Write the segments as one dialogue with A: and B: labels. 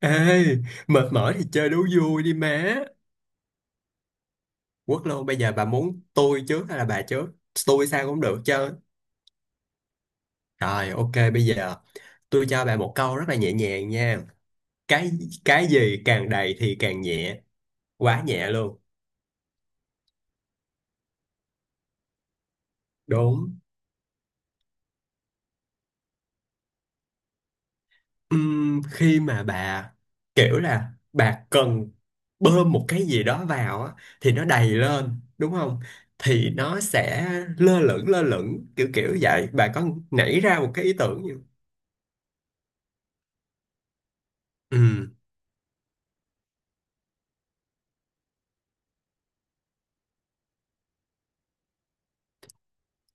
A: Ê, mệt mỏi thì chơi đố vui đi má. Quất luôn, bây giờ bà muốn tôi trước hay là bà trước? Tôi sao cũng được chứ. Rồi, ok, bây giờ tôi cho bà một câu rất là nhẹ nhàng nha. Cái cái gì càng đầy thì càng nhẹ, quá nhẹ luôn. Đúng. Khi mà bà kiểu là bà cần bơm một cái gì đó vào á, thì nó đầy lên, đúng không? Thì nó sẽ lơ lửng kiểu kiểu vậy. Bà có nảy ra một cái ý tưởng gì không? Ừ.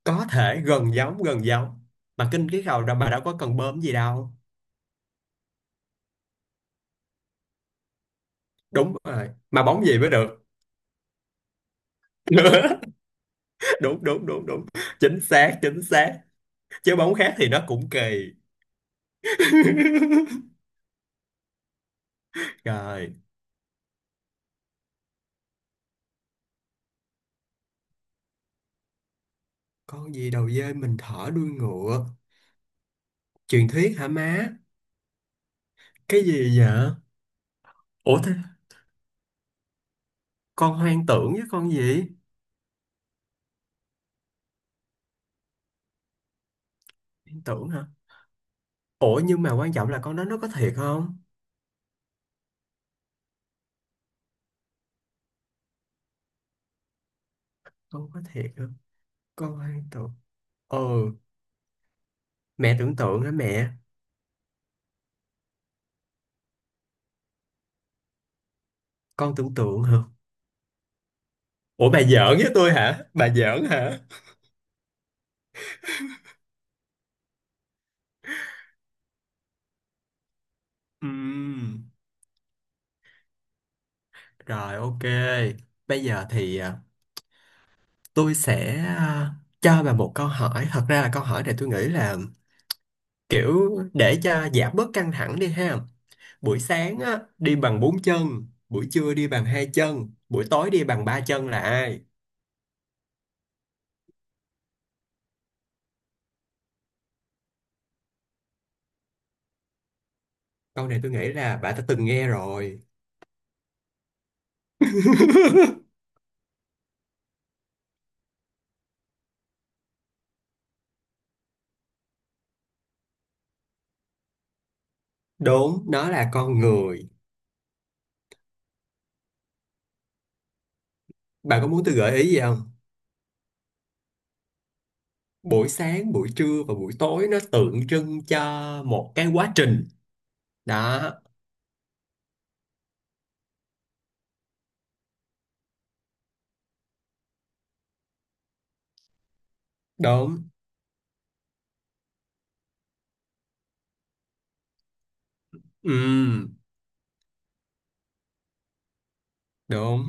A: Có thể gần giống mà kinh cái cầu đó mà đâu có cần bơm gì đâu. Đúng rồi, mà bóng gì mới được? Đúng đúng đúng đúng, chính xác chính xác. Chứ bóng khác thì nó cũng kỳ. Rồi, con gì đầu dê mình thở đuôi ngựa? Truyền thuyết hả má? Cái gì vậy? Ủa thế con hoang tưởng với con gì? Hoang tưởng hả? Ủa nhưng mà quan trọng là con đó nó có thiệt không? Con có thiệt không? Con hoang tưởng. Ừ, mẹ tưởng tượng hả mẹ? Con tưởng tượng hả? Ủa bà giỡn với tôi hả? Bà giỡn hả? Ừm, rồi ok. Bây giờ thì tôi sẽ cho bà một câu hỏi. Thật ra là câu hỏi này tôi nghĩ là kiểu để cho giảm bớt căng thẳng đi ha. Buổi sáng á, đi bằng bốn chân, buổi trưa đi bằng hai chân, buổi tối đi bằng ba chân là ai? Câu này tôi nghĩ là bà đã từng nghe rồi. Đúng, nó là con người. Bà có muốn tôi gợi ý gì? Buổi sáng buổi trưa và buổi tối nó tượng trưng cho một cái quá trình đó. Đúng. Ừm, đúng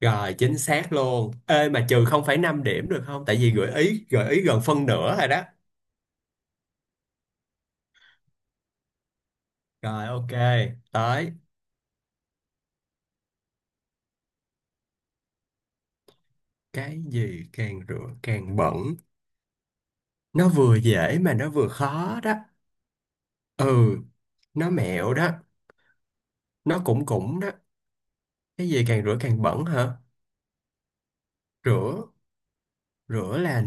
A: rồi chính xác luôn. Ê mà trừ 0,5 điểm được không, tại vì gợi ý gần phân nửa rồi đó. Rồi ok, tới cái gì càng rửa càng bẩn. Nó vừa dễ mà nó vừa khó đó. Ừ, nó mẹo đó, nó cũng cũng đó. Cái gì càng rửa càng bẩn hả? Rửa rửa là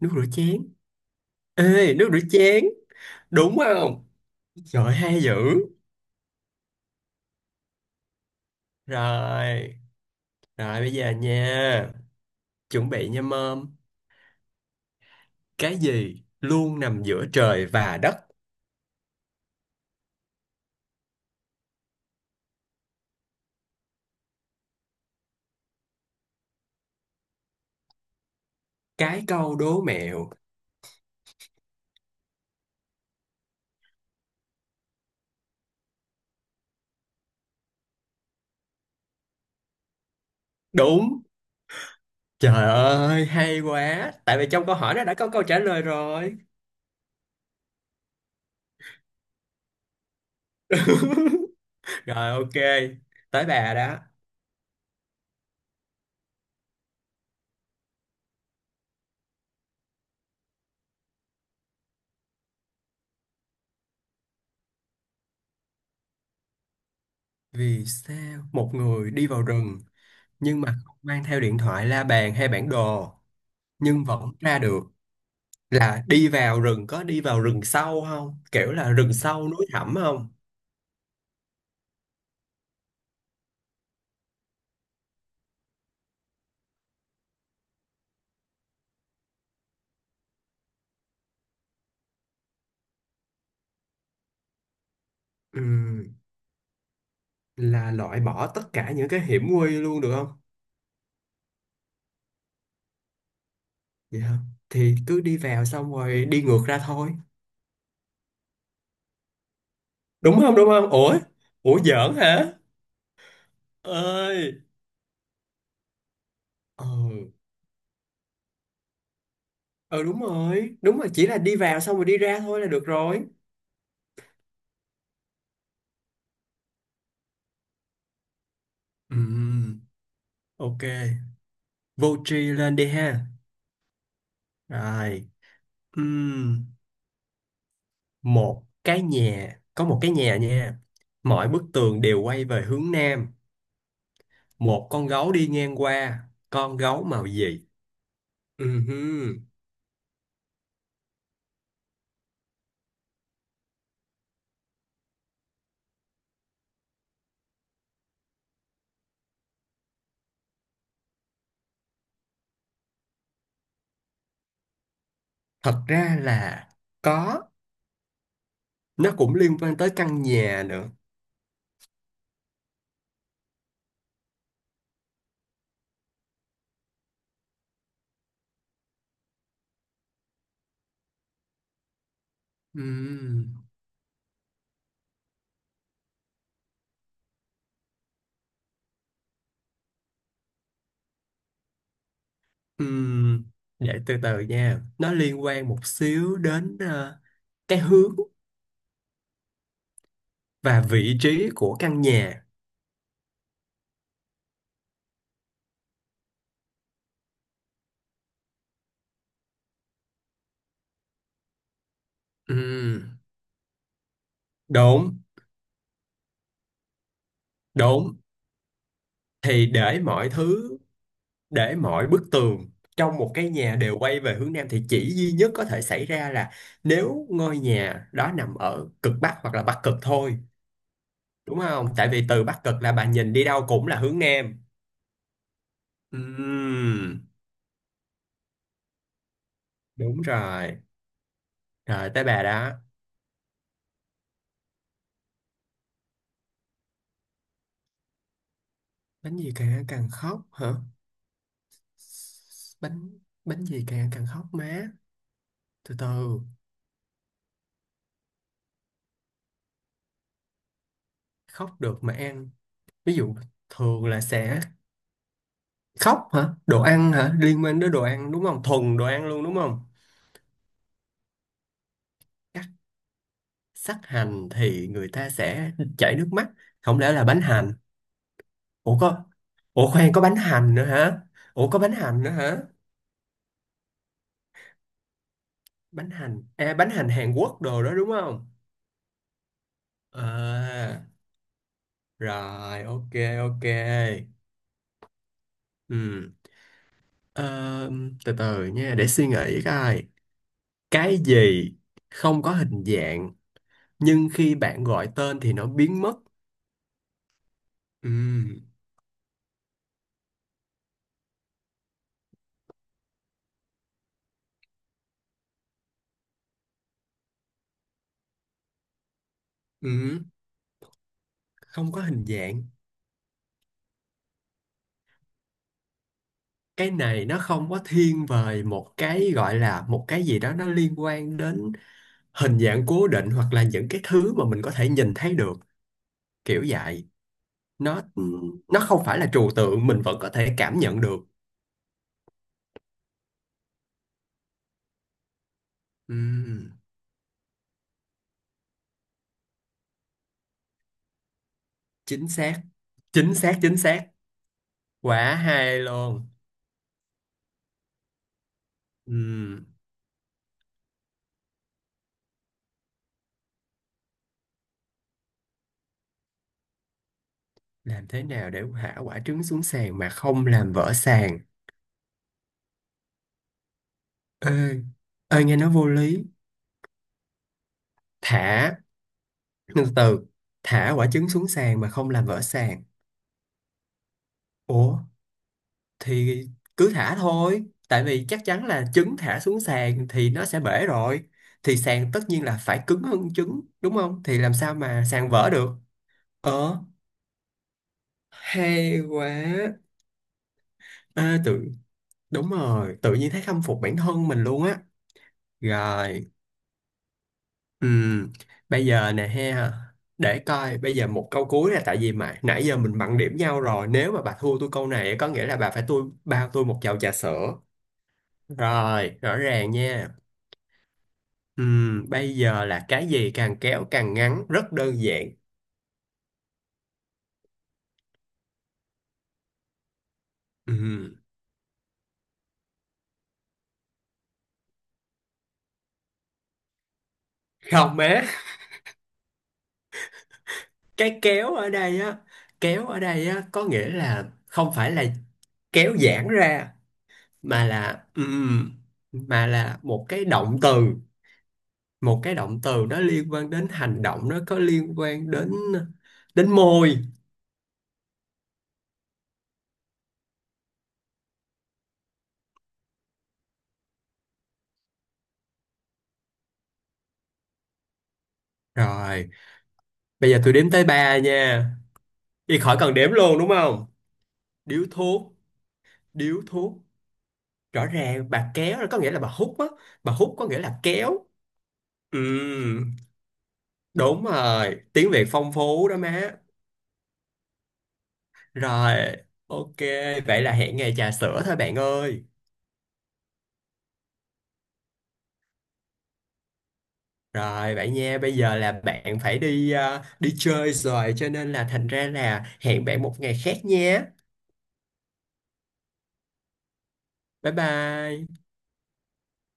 A: nước rửa chén. Ê nước rửa chén đúng không? Giỏi hay dữ. Rồi, rồi bây giờ nha. Chuẩn bị nha mom. Cái gì luôn nằm giữa trời và đất? Cái câu đố mẹo. Đúng. Trời ơi, hay quá. Tại vì trong câu hỏi nó đã có câu trả lời rồi. Rồi ok, tới bà đó. Vì sao một người đi vào rừng nhưng mà không mang theo điện thoại, la bàn hay bản đồ nhưng vẫn ra được? Là đi vào rừng, có đi vào rừng sâu không? Kiểu là rừng sâu núi thẳm không? Ừm, là loại bỏ tất cả những cái hiểm nguy luôn được không? Vậy hả? Thì cứ đi vào xong rồi đi ngược ra thôi. Đúng không? Đúng không? Ủa? Ủa giỡn hả? Ơi. Ờ. Ờ đúng rồi. Đúng rồi, chỉ là đi vào xong rồi đi ra thôi là được rồi. Ừm, ok. Vô tri lên đi ha. Rồi. Ừm, một cái nhà, có một cái nhà nha. Mọi bức tường đều quay về hướng nam. Một con gấu đi ngang qua. Con gấu màu gì? Ừhưm. Thật ra là có, nó cũng liên quan tới căn nhà nữa. Ừm. Ừm. Để từ từ nha, nó liên quan một xíu đến cái hướng và vị trí của căn nhà. Ừm. Đúng, đúng. Thì để mọi thứ, để mọi bức tường trong một cái nhà đều quay về hướng nam thì chỉ duy nhất có thể xảy ra là nếu ngôi nhà đó nằm ở cực bắc hoặc là bắc cực thôi. Đúng không, tại vì từ Bắc Cực là bà nhìn đi đâu cũng là hướng Nam. Ừm, đúng rồi, rồi tới bà đó. Bánh gì càng ăn càng khóc hả? Bánh bánh gì càng ăn càng khóc má? Từ từ, khóc được mà ăn, ví dụ thường là sẽ khóc hả, đồ ăn hả, liên quan đến đồ ăn đúng không, thuần đồ ăn luôn đúng không? Cắt sắc hành thì người ta sẽ chảy nước mắt, không lẽ là bánh hành? Ủa có, ủa khoan, có bánh hành nữa hả? Ủa có bánh hành nữa hả? Bánh hành à, bánh hành Hàn Quốc đồ đó đúng không? À, rồi ok, ok. Ừ. Ờ, từ từ nha để suy nghĩ coi, cái gì không có hình dạng nhưng khi bạn gọi tên thì nó biến mất? Ừ. Ừ. Không có hình dạng. Cái này nó không có thiên về một cái gọi là một cái gì đó, nó liên quan đến hình dạng cố định hoặc là những cái thứ mà mình có thể nhìn thấy được kiểu vậy. nó nó không phải là trừu tượng, mình vẫn có thể cảm nhận được. Ừm, chính xác chính xác chính xác. Quả hay luôn. Ừm, làm thế nào để thả quả trứng xuống sàn mà không làm vỡ sàn? Ê, ê nghe nó vô lý. Thả từ từ, thả quả trứng xuống sàn mà không làm vỡ sàn? Ủa thì cứ thả thôi, tại vì chắc chắn là trứng thả xuống sàn thì nó sẽ bể rồi, thì sàn tất nhiên là phải cứng hơn trứng đúng không, thì làm sao mà sàn vỡ được? Ờ, hay quá. À, tự đúng rồi, tự nhiên thấy khâm phục bản thân mình luôn á. Rồi, ừm, bây giờ nè ha, để coi, bây giờ một câu cuối nè, tại vì mà nãy giờ mình bằng điểm nhau rồi, nếu mà bà thua tôi câu này có nghĩa là bà phải tôi bao tôi một chầu trà sữa. Rồi, rõ ràng nha. Bây giờ là cái gì càng kéo càng ngắn, rất đơn giản. Ừm, không má, cái kéo ở đây á, kéo ở đây á có nghĩa là không phải là kéo giãn ra mà là ừm, mà là một cái động từ, một cái động từ nó liên quan đến hành động, nó có liên quan đến đến môi. Rồi bây giờ tôi đếm tới ba nha. Đi khỏi cần đếm luôn đúng không? Điếu thuốc. Điếu thuốc. Rõ ràng bà kéo là có nghĩa là bà hút á, bà hút có nghĩa là kéo. Ừm, đúng rồi, tiếng Việt phong phú đó má. Rồi ok, vậy là hẹn ngày trà sữa thôi bạn ơi. Rồi bạn nha, bây giờ là bạn phải đi đi chơi rồi cho nên là thành ra là hẹn bạn một ngày khác nha. Bye bye.